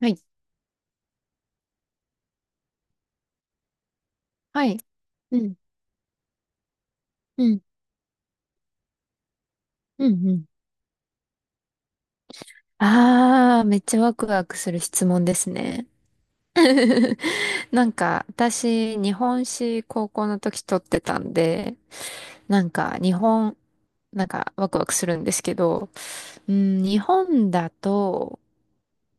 はい。はい。うん。うん。うん。うん。ああ、めっちゃワクワクする質問ですね。なんか、私、日本史高校の時取ってたんで、なんか、日本、なんか、ワクワクするんですけど、うん、日本だと、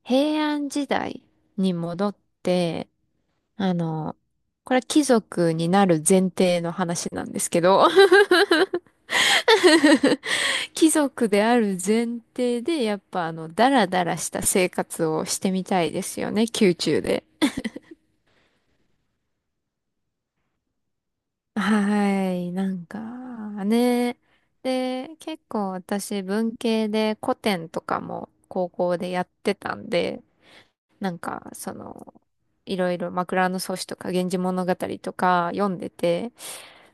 平安時代に戻って、あの、これは貴族になる前提の話なんですけど。 貴族である前提で、やっぱダラダラした生活をしてみたいですよね、宮中で。はい、なんか、ね。で、結構私文系で古典とかも高校でやってたんで、なんか、いろいろ枕草子とか源氏物語とか読んでて、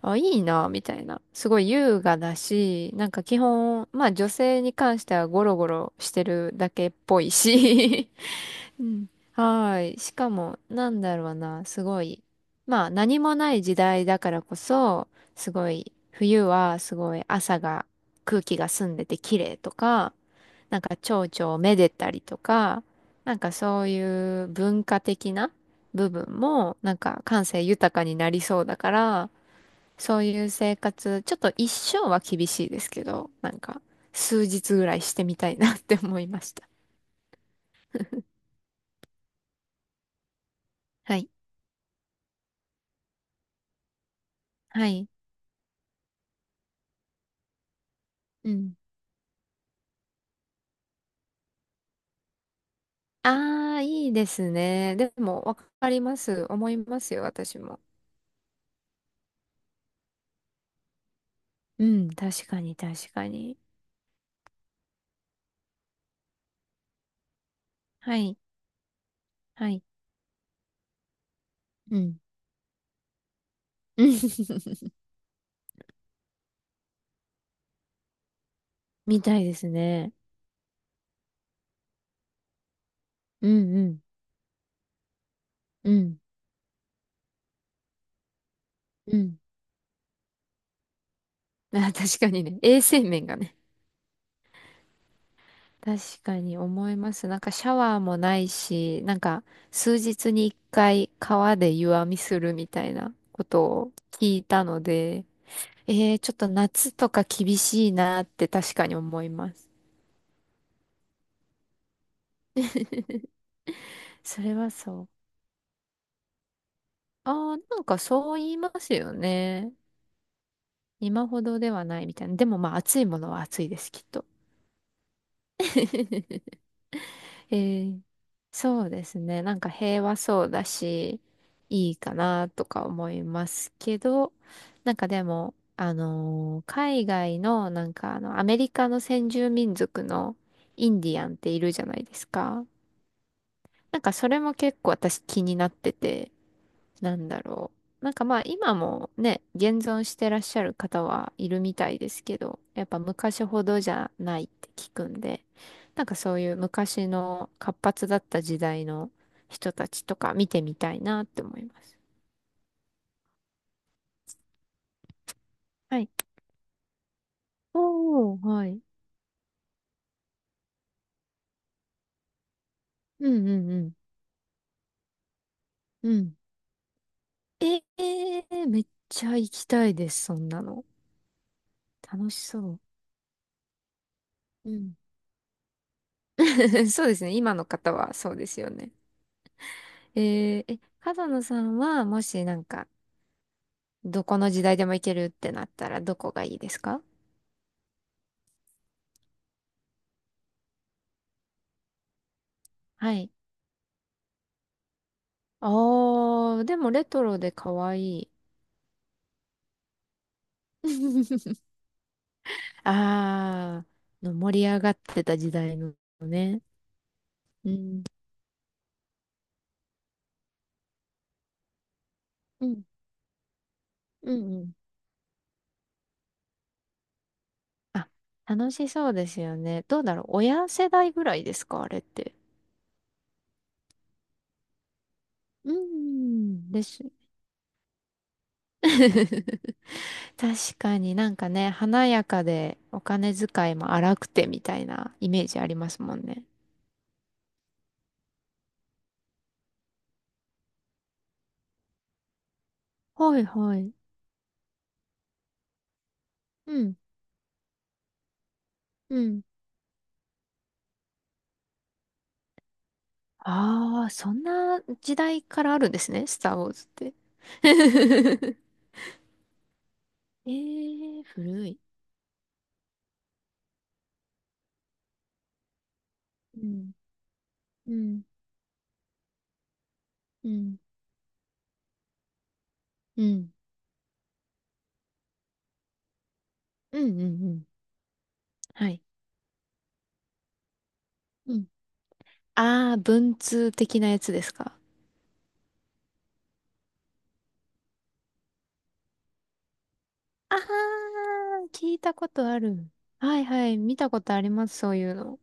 あ、いいな、みたいな。すごい優雅だし、なんか基本、まあ女性に関してはゴロゴロしてるだけっぽいし。うん。はーい。しかも、なんだろうな、すごい。まあ何もない時代だからこそ、すごい、冬はすごい朝が、空気が澄んでて綺麗とか、なんか蝶々をめでたりとか、なんかそういう文化的な部分も、なんか感性豊かになりそうだから、そういう生活、ちょっと一生は厳しいですけど、なんか、数日ぐらいしてみたいなって思いました。はい。はい。うん。ああ、いいですね。でも、わかります。思いますよ、私も。うん、確かに、確かに。はい。はい。うん。みたいですね。うん、うん。うん。うん。あー、確かにね。衛生面がね。確かに思います。なんかシャワーもないし、なんか数日に一回川で湯あみするみたいなことを聞いたので、ちょっと夏とか厳しいなって確かに思います。それはそう。ああ、なんかそう言いますよね。今ほどではないみたいな。でもまあ暑いものは暑いです、きっと。えーそうですね。なんか平和そうだし、いいかなとか思いますけど、なんかでも、海外の、なんかアメリカの先住民族のインディアンっているじゃないですか。なんかそれも結構私気になってて、なんだろう。なんかまあ今もね、現存してらっしゃる方はいるみたいですけど、やっぱ昔ほどじゃないって聞くんで、なんかそういう昔の活発だった時代の人たちとか見てみたいなって思います。はい。おー、はい。うんうんうん。うん。ええー、めっちゃ行きたいです、そんなの。楽しそう。うん。そうですね、今の方はそうですよね。え角野さんはもしなんかどこの時代でも行けるってなったらどこがいいですか？はい。あー、でもレトロで可愛い。あー、の盛り上がってた時代のね。うん。うん。うんうん。あ、楽しそうですよね。どうだろう。親世代ぐらいですかあれって？うん。です。確かになんかね、華やかでお金遣いも荒くてみたいなイメージありますもんね。はいはい。うん。うん。ああ、そんな時代からあるんですね、スター・ウォーズって。ええー古い。うん、うん、うん、うん、うん、うん、うん。はい。うん。ああ、文通的なやつですか？ああ、聞いたことある。はいはい、見たことあります、そういうの。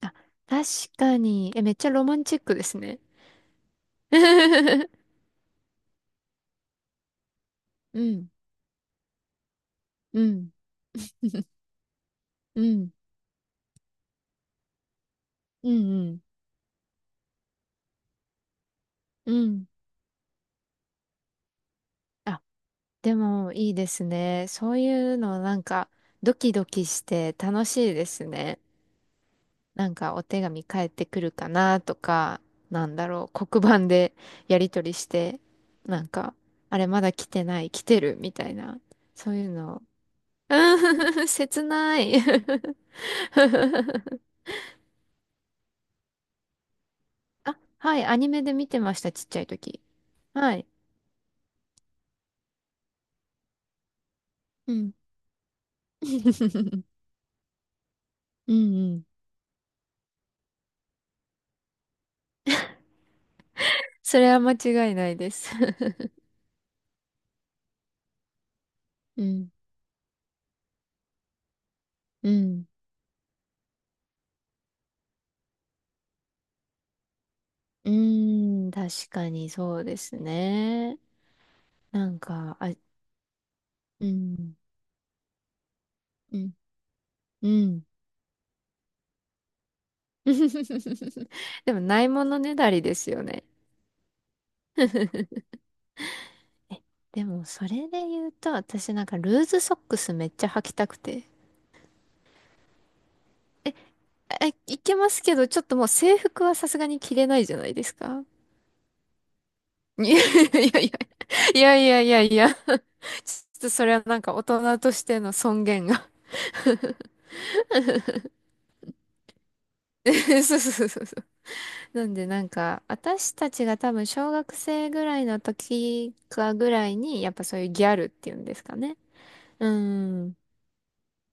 あ、確かに。え、めっちゃロマンチックですね。うん、うん、うん、うん、うん、うん。あ、でもいいですね。そういうのなんかドキドキして楽しいですね。なんかお手紙返ってくるかなとか、なんだろう、黒板でやり取りして、なんか、あれまだ来てない、来てるみたいな、そういうの。うん、切ない。あ、はい、アニメで見てました、ちっちゃい時。はい。うん。うんうん。それは間違いないです。うん。うん。うーん、確かにそうですね。なんか、あ、うん、うん、うん。でも、ないものねだりですよね。え、でも、それで言うと、私なんか、ルーズソックスめっちゃ履きたくて。え、あいけますけど、ちょっともう制服はさすがに着れないじゃないですか。いやいやいや、いやいやいやいや、ちょっとそれはなんか大人としての尊厳が。そうそうそうそう。なんでなんか、私たちが多分小学生ぐらいの時かぐらいに、やっぱそういうギャルっていうんですかね。うん。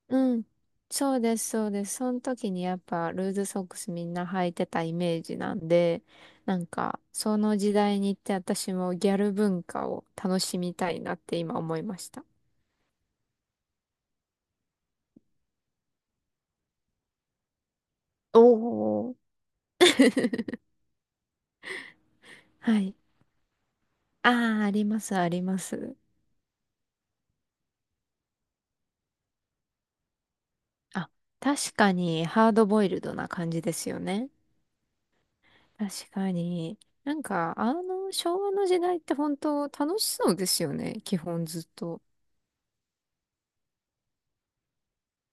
うん。そうです、そうです。その時にやっぱルーズソックスみんな履いてたイメージなんで、なんか、その時代に行って私もギャル文化を楽しみたいなって今思いました。おお。はい。ああ、あります、あります。あ、確かにハードボイルドな感じですよね。確かに。なんか、昭和の時代って本当楽しそうですよね。基本ずっと。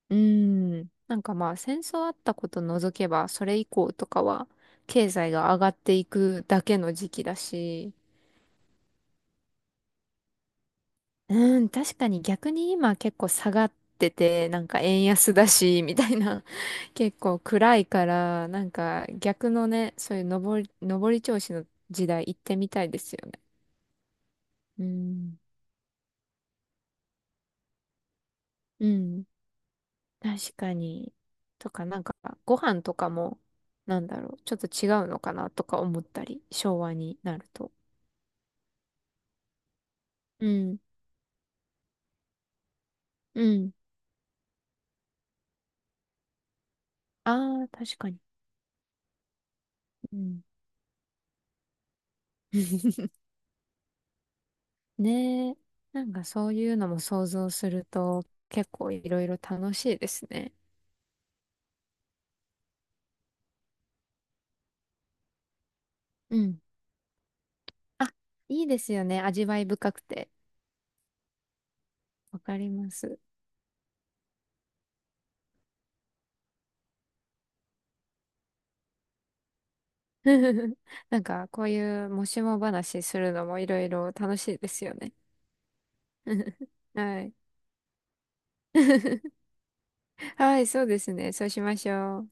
うーん。なんかまあ、戦争あったこと除けば、それ以降とかは、経済が上がっていくだけの時期だし。うん、確かに逆に今結構下がってて、なんか円安だし、みたいな。結構暗いから、なんか逆のね、そういう上り調子の時代行ってみたいですよね。うん。うん、確かに。とか、なんか、ご飯とかも、なんだろう、ちょっと違うのかなとか思ったり、昭和になると。うん、うん。ああ、確かに。うん。ねえ。なんかそういうのも想像すると、結構いろいろ楽しいですね。うん。あ、いいですよね。味わい深くて。わかります。なんか、こういうもしも話するのもいろいろ楽しいですよね。はい。はい、そうですね。そうしましょう。